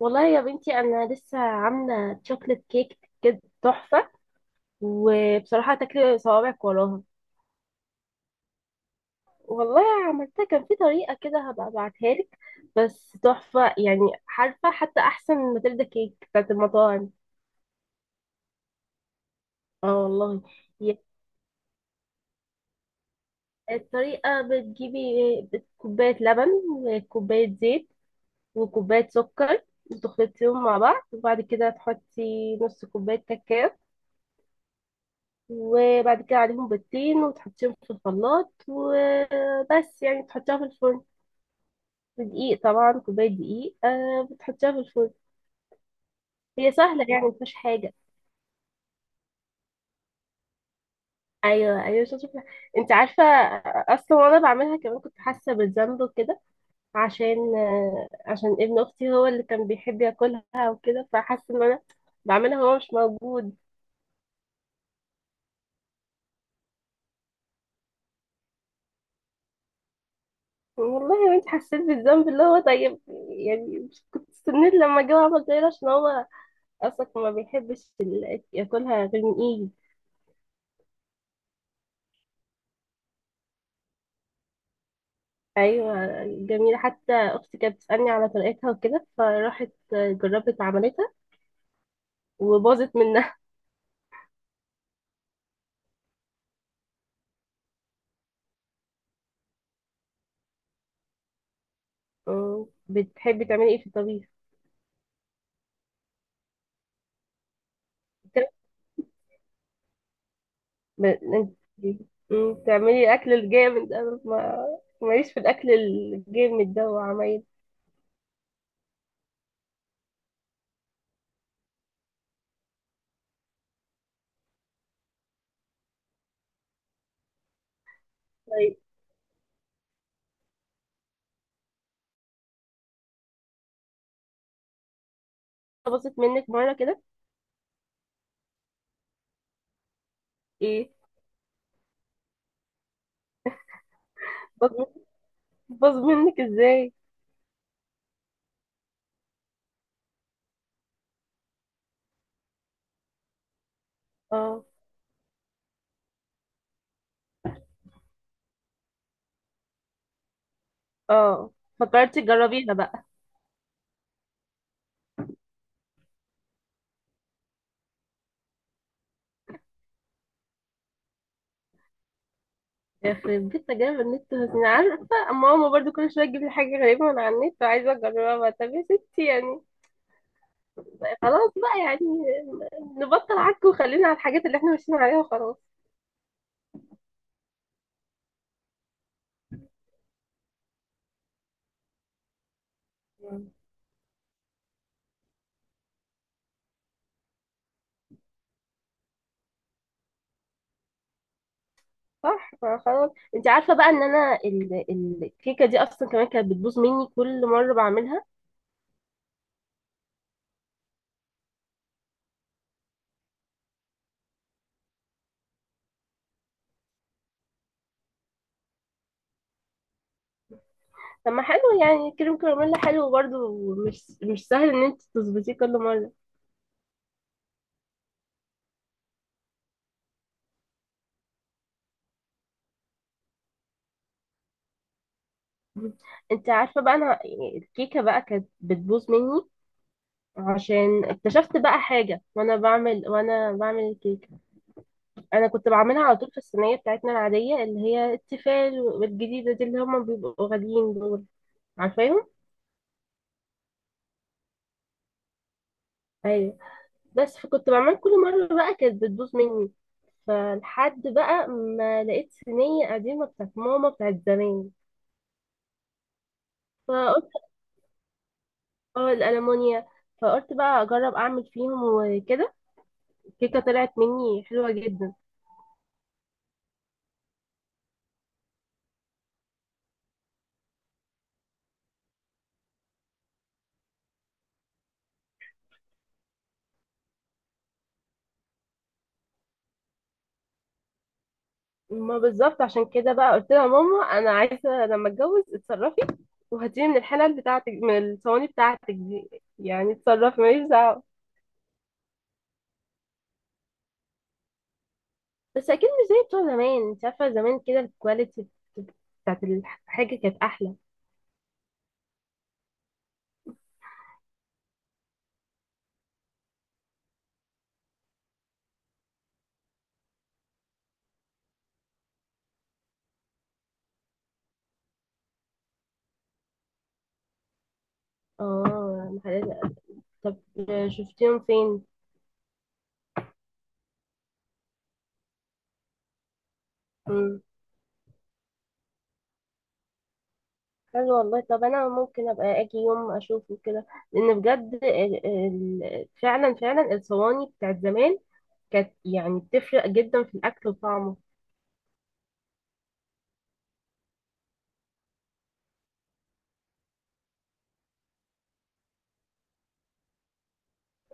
والله يا بنتي، انا لسه عامله شوكليت كيك كده تحفه. وبصراحه تاكلي صوابعك وراها. والله عملتها كان في طريقه كده، هبقى ابعتها لك. بس تحفه يعني. عارفه حتى احسن من ماتيلدا كيك بتاعت المطاعم. اه والله. هي الطريقه، بتجيبي كوبايه لبن وكوبايه زيت وكوبايه سكر، وتخلطيهم مع بعض، وبعد كده تحطي نص كوبايه كاكاو، وبعد كده عليهم بيضتين، وتحطيهم في الخلاط وبس يعني تحطيها في الفرن. دقيق طبعا، كوباية دقيق، بتحطيها في الفرن. هي سهلة يعني مفيهاش حاجة. أيوة أيوة، شاطرة. أنت عارفة، أصلا وأنا بعملها كمان كنت حاسة بالذنب وكده، عشان عشان ابن أختي هو اللي كان بيحب ياكلها وكده، فحاسة إن أنا بعملها وهو مش موجود. والله يا بنتي، حسيت بالذنب اللي هو طيب يعني. مش كنت استنيت لما جه عمل زي ده، عشان هو اصلا ما بيحبش ياكلها غير من ايدي. ايوه، جميله. حتى اختي كانت بتسالني على طريقتها وكده، فراحت جربت عملتها وباظت منها. بتحبي تعملي ايه في الطبيخ؟ بت- ب- انت- بتعملي اكل الجامد؟ انا ما ماليش في الاكل الجامد ده وعمايل. طيب، باظت منك مره كده؟ ايه، باظ؟ باظ منك ازاي؟ اه اه، فكرتي تجربيها بقى. يخرب بيت تجارب النت، أنا عارفة ماما برضو كل شوية تجيب لي حاجة غريبة من على النت وعايزة أجربها بقى. طب يا ستي يعني خلاص بقى يعني، نبطل عك وخلينا على الحاجات اللي احنا ماشيين عليها وخلاص. مم. صح، ما خلاص. انت عارفة بقى ان انا الكيكة دي اصلا كمان كانت بتبوظ مني كل مرة بعملها. طب ما حلو يعني، كريم كراميل حلو برضو، مش مش سهل ان انت تظبطيه كل مرة. انت عارفة بقى، انا يعني الكيكة بقى كانت بتبوظ مني، عشان اكتشفت بقى حاجة وانا بعمل، وانا بعمل الكيكة. انا كنت بعملها على طول في الصينية بتاعتنا العادية، اللي هي التيفال والجديدة دي اللي هما بيبقوا غاليين دول. عارفاهم، ايوه. بس فكنت بعمل كل مرة بقى كانت بتبوظ مني، فلحد بقى ما لقيت صينية قديمة بتاعت ماما بتاعت زمان، فقلت. اه، الألمونيا. فقلت بقى اجرب اعمل فيهم وكده، الكيكة طلعت مني حلوة جدا. ما بالظبط، عشان كده بقى قلت لها ماما انا عايزه لما اتجوز اتصرفي وهاتيلي من الحلل بتاعتك، من الصواني بتاعتك دي. يعني اتصرفي ماليش دعوه. بس اكيد مش زي بتوع زمان، انت عارفه زمان كده الكواليتي بتاعت الحاجه كانت احلى. اه، طب شفتيهم فين؟ مم. حلو والله، طب انا ممكن ابقى اجي يوم اشوفه كده، لان بجد فعلا فعلا الصواني بتاعت زمان كانت يعني بتفرق جدا في الاكل وطعمه.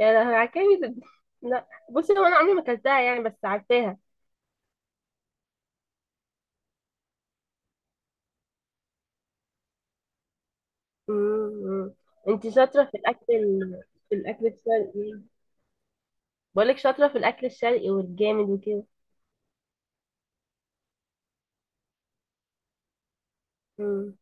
يا لهوي، عكاوي لا بصي، هو انا عمري ما اكلتها يعني، بس عارفاها. امم، انت شاطره في في الاكل الشرقي؟ بقولك شاطره في الاكل الشرقي والجامد وكده. امم.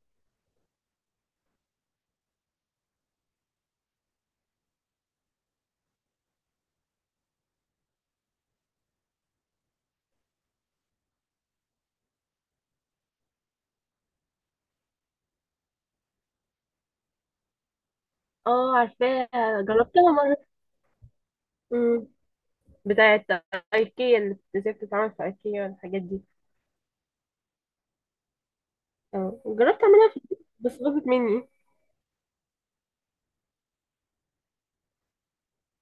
اه عارفاها، جربتها مره. امم، بتاعه ايكيا، اللي ازاي بتتعمل في ايكيا والحاجات دي. اه، جربت اعملها في البيت بس باظت مني.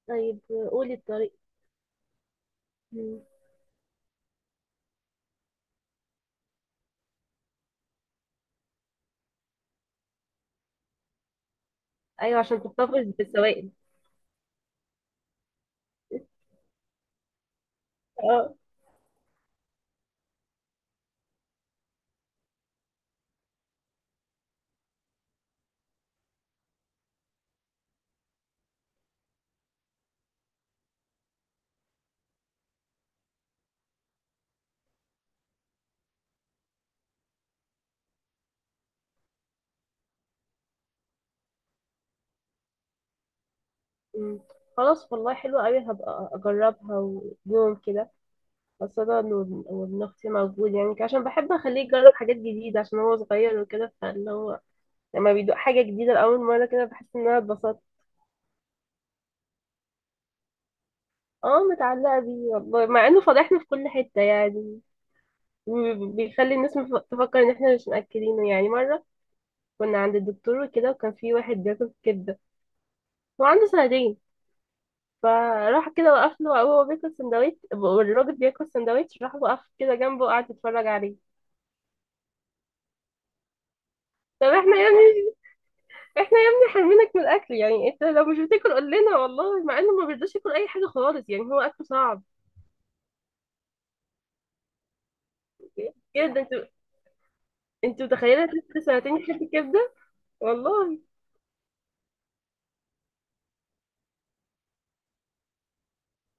طيب قولي الطريقه. مم. ايوه، عشان تحتفظ بالسوائل. اه. مم. خلاص والله، حلوة قوي، هبقى اجربها ويوم كده، خاصة وابن أختي موجود يعني، عشان بحب أخليه يجرب حاجات جديدة، عشان هو صغير وكده، فاللي هو لما بيدوق حاجة جديدة لأول مرة كده بحس إن أنا اتبسطت. اه، متعلقة بيه والله، مع إنه فضحنا في كل حتة يعني، وبيخلي الناس تفكر إن إحنا مش مأكلينه. يعني مرة كنا عند الدكتور وكده، وكان في واحد بياكل كبدة، هو عنده سنتين، فراح كده وقف له وهو بياكل سندوتش، والراجل بياكل سندوتش، راح وقف كده جنبه وقعد يتفرج عليه. طب احنا يعني، احنا يا ابني حرمينك من الاكل يعني، انت لو مش بتاكل قول لنا. والله مع انه ما بيرضاش ياكل اي حاجه خالص، يعني هو اكله صعب كده. انتوا، انتوا متخيله طفل سنتين يحب الكبده؟ والله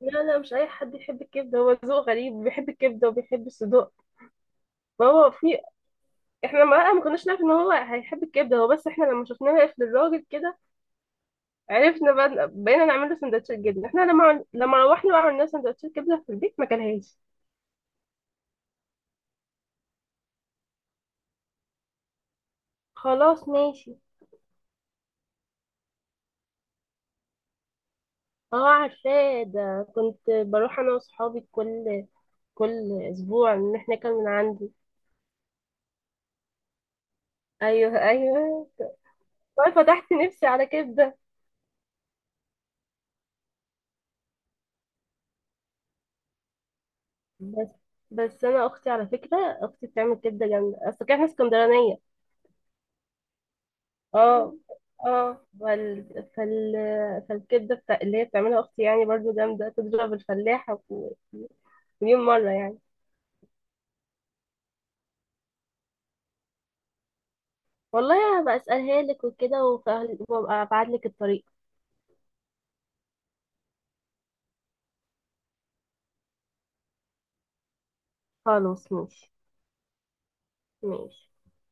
لا لا، مش اي حد يحب الكبده، هو ذوق غريب، بيحب الكبده وبيحب الصدوق. فهو في. احنا ما كناش نعرف ان هو هيحب الكبده هو، بس احنا لما شفناه واقف للراجل كده، عرفنا بقى، بقينا نعمل له سندوتشات جبنه. احنا لما لما روحنا وعملنا سندوتشات كبده في البيت ما كلهاش. خلاص ماشي. اه عارفاه ده، كنت بروح انا واصحابي كل اسبوع نحن من عندي. ايوه ايوه. والله فتحت نفسي على كبده. بس بس انا اختي، على فكره اختي بتعمل كبده جامده، اصل احنا اسكندرانيه. اه اه. فال... فالكبده اللي هي بتعملها اختي، يعني برضو جامده، تضرب الفلاحه مليون مره يعني. والله هبقى اسالها لك وكده، وابقى ابعت لك الطريق. خلاص ماشي. ماشي.